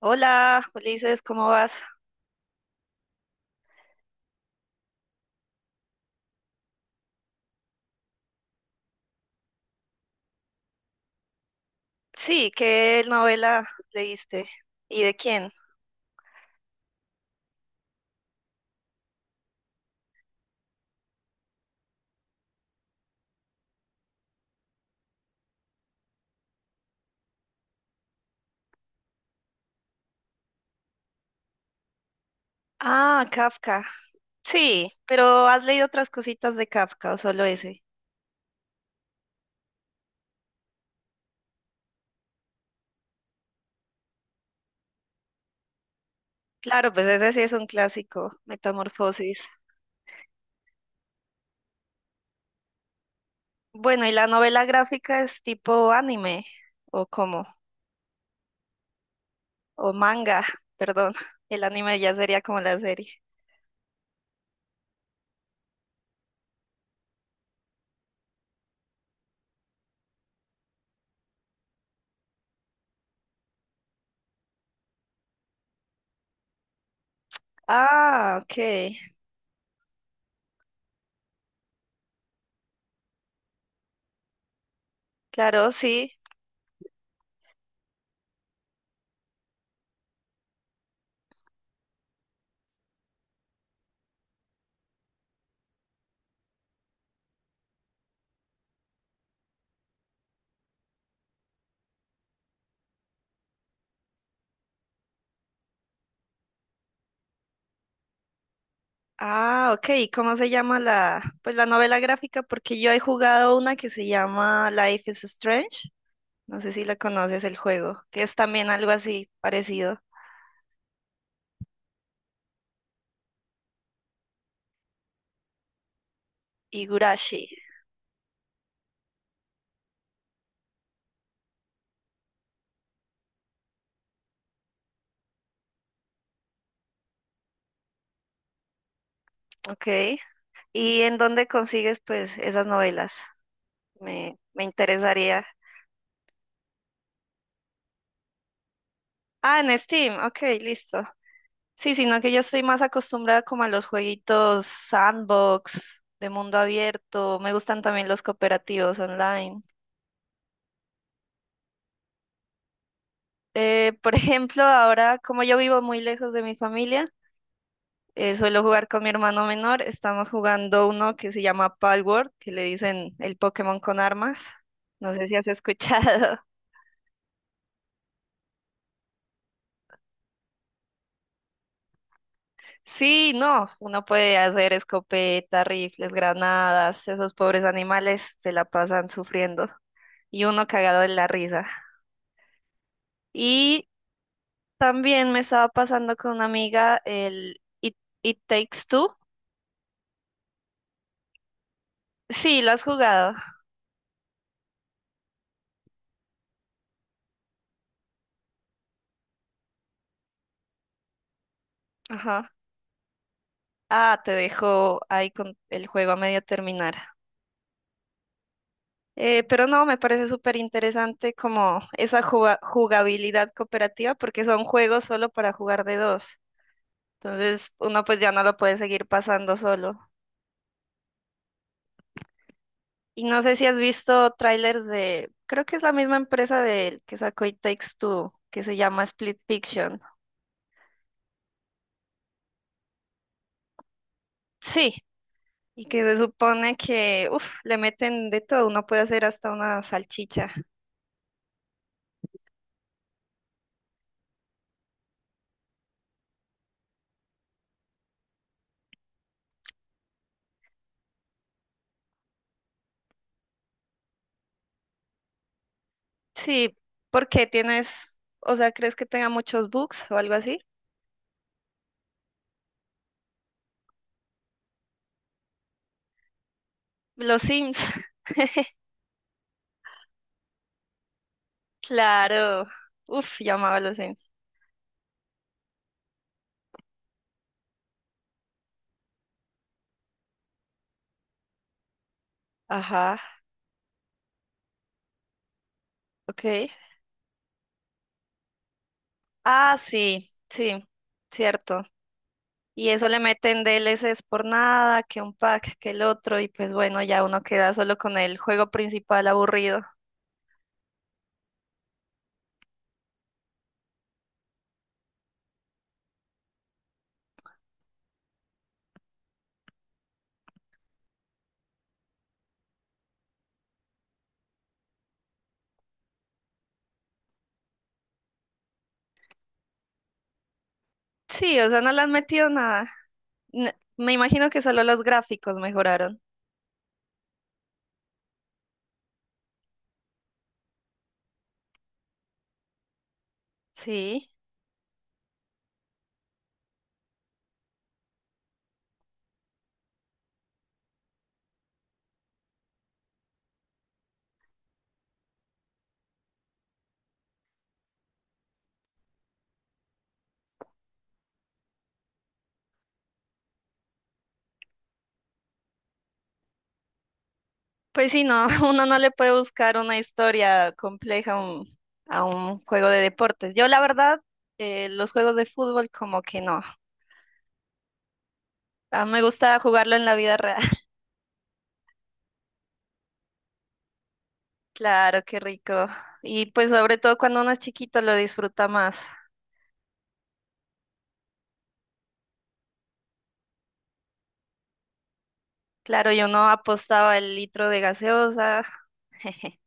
Hola, Ulises, ¿cómo vas? Sí, ¿qué novela leíste? ¿Y de quién? Ah, Kafka. Sí, pero ¿has leído otras cositas de Kafka o solo ese? Claro, pues ese sí es un clásico, Metamorfosis. Bueno, ¿y la novela gráfica es tipo anime o cómo? O manga, perdón. El anime ya sería como la serie. Ah, ok. Claro, sí. Ah, ok. ¿Y cómo se llama la, pues la novela gráfica? Porque yo he jugado una que se llama Life is Strange. No sé si la conoces el juego, que es también algo así parecido. Higurashi, ok. ¿Y en dónde consigues pues esas novelas? Me interesaría. Ah, en Steam, ok, listo. Sí, sino que yo estoy más acostumbrada como a los jueguitos sandbox, de mundo abierto. Me gustan también los cooperativos online. Por ejemplo, ahora como yo vivo muy lejos de mi familia, suelo jugar con mi hermano menor. Estamos jugando uno que se llama Palworld, que le dicen el Pokémon con armas. No sé si has escuchado. Sí, no, uno puede hacer escopeta, rifles, granadas. Esos pobres animales se la pasan sufriendo y uno cagado de la risa. Y también me estaba pasando con una amiga el It Takes Two. Sí, lo has jugado. Ajá. Ah, te dejo ahí con el juego a medio terminar. Pero no, me parece súper interesante como esa jugabilidad cooperativa porque son juegos solo para jugar de dos. Entonces uno pues ya no lo puede seguir pasando solo. Y no sé si has visto trailers de, creo que es la misma empresa del que sacó It Takes Two, que se llama Split Fiction. Sí, y que se supone que, uff, le meten de todo, uno puede hacer hasta una salchicha. Sí, porque tienes, o sea, ¿crees que tenga muchos bugs o algo así? Los Sims. Claro. Uf, yo amaba los Sims. Ajá, ok. Ah, sí, sí, cierto. Y eso le meten D L DLCs por nada, que un pack, que el otro, y pues bueno, ya uno queda solo con el juego principal aburrido. Sí, o sea, no le han metido nada. Me imagino que solo los gráficos mejoraron. Sí. Pues sí, no, uno no le puede buscar una historia compleja a a un juego de deportes. Yo, la verdad, los juegos de fútbol como que no. Ah, me gusta jugarlo en la vida real. Claro, qué rico. Y pues sobre todo cuando uno es chiquito lo disfruta más. Claro, yo no apostaba el litro de gaseosa.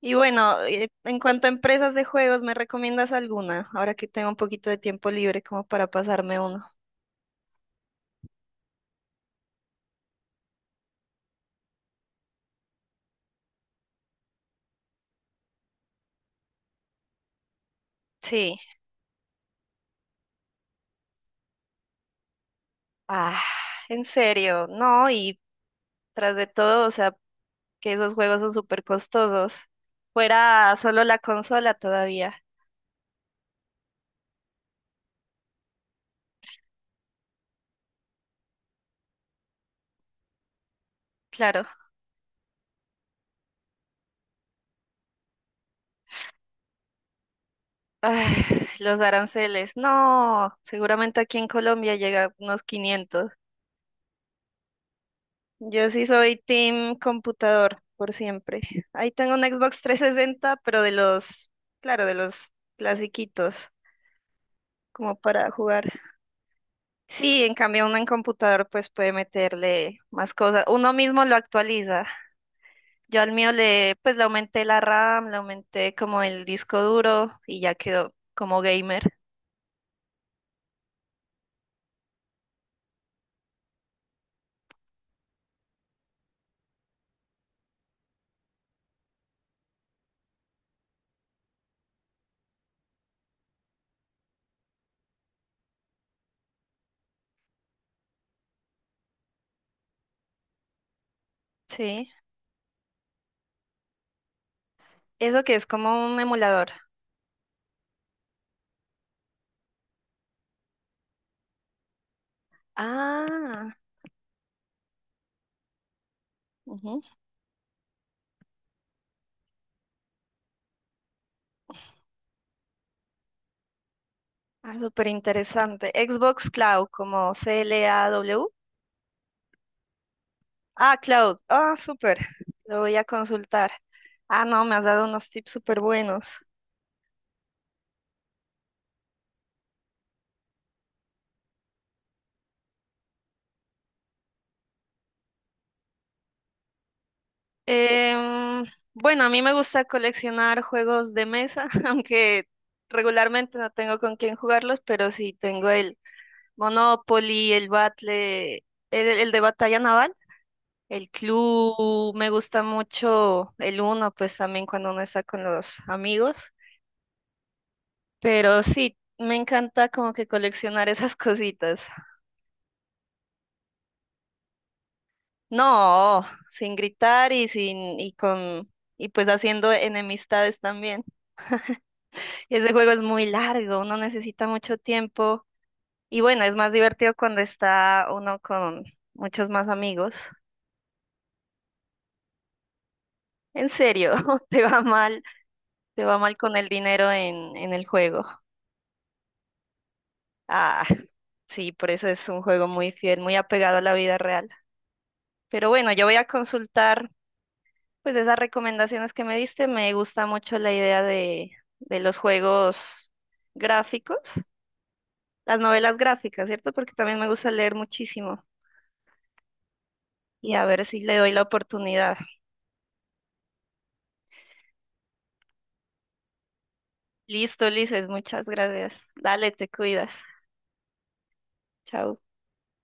Y bueno, en cuanto a empresas de juegos, ¿me recomiendas alguna? Ahora que tengo un poquito de tiempo libre como para pasarme uno. Sí. Ah, en serio, no, y tras de todo, o sea, que esos juegos son súper costosos. Fuera solo la consola todavía, claro. Ay, los aranceles, no, seguramente aquí en Colombia llega a unos 500. Yo sí soy team computador por siempre. Ahí tengo un Xbox 360, pero de los, claro, de los clasiquitos, como para jugar. Sí, en cambio uno en computador pues puede meterle más cosas. Uno mismo lo actualiza. Yo al mío le, pues le aumenté la RAM, le aumenté como el disco duro y ya quedó como gamer. Sí. Eso que es como un emulador. Ah, ujú. Ah, súper interesante. Xbox Cloud, como C L A W. Ah, Cloud. Ah, súper. Lo voy a consultar. Ah, no, me has dado unos tips súper buenos. Em, bueno, a mí me gusta coleccionar juegos de mesa, aunque regularmente no tengo con quién jugarlos, pero sí tengo el Monopoly, el Battle, el de batalla naval, el Clue, me gusta mucho el Uno, pues también cuando uno está con los amigos, pero sí, me encanta como que coleccionar esas cositas. No, sin gritar y sin, y con, y pues haciendo enemistades también. Ese juego es muy largo, uno necesita mucho tiempo. Y bueno, es más divertido cuando está uno con muchos más amigos. En serio, te va mal, te va mal con el dinero en el juego. Ah, sí, por eso es un juego muy fiel, muy apegado a la vida real. Pero bueno, yo voy a consultar. Pues esas recomendaciones que me diste, me gusta mucho la idea de los juegos gráficos, las novelas gráficas, ¿cierto? Porque también me gusta leer muchísimo y a ver si le doy la oportunidad. Listo, Ulises, muchas gracias. Dale, te cuidas. Chao.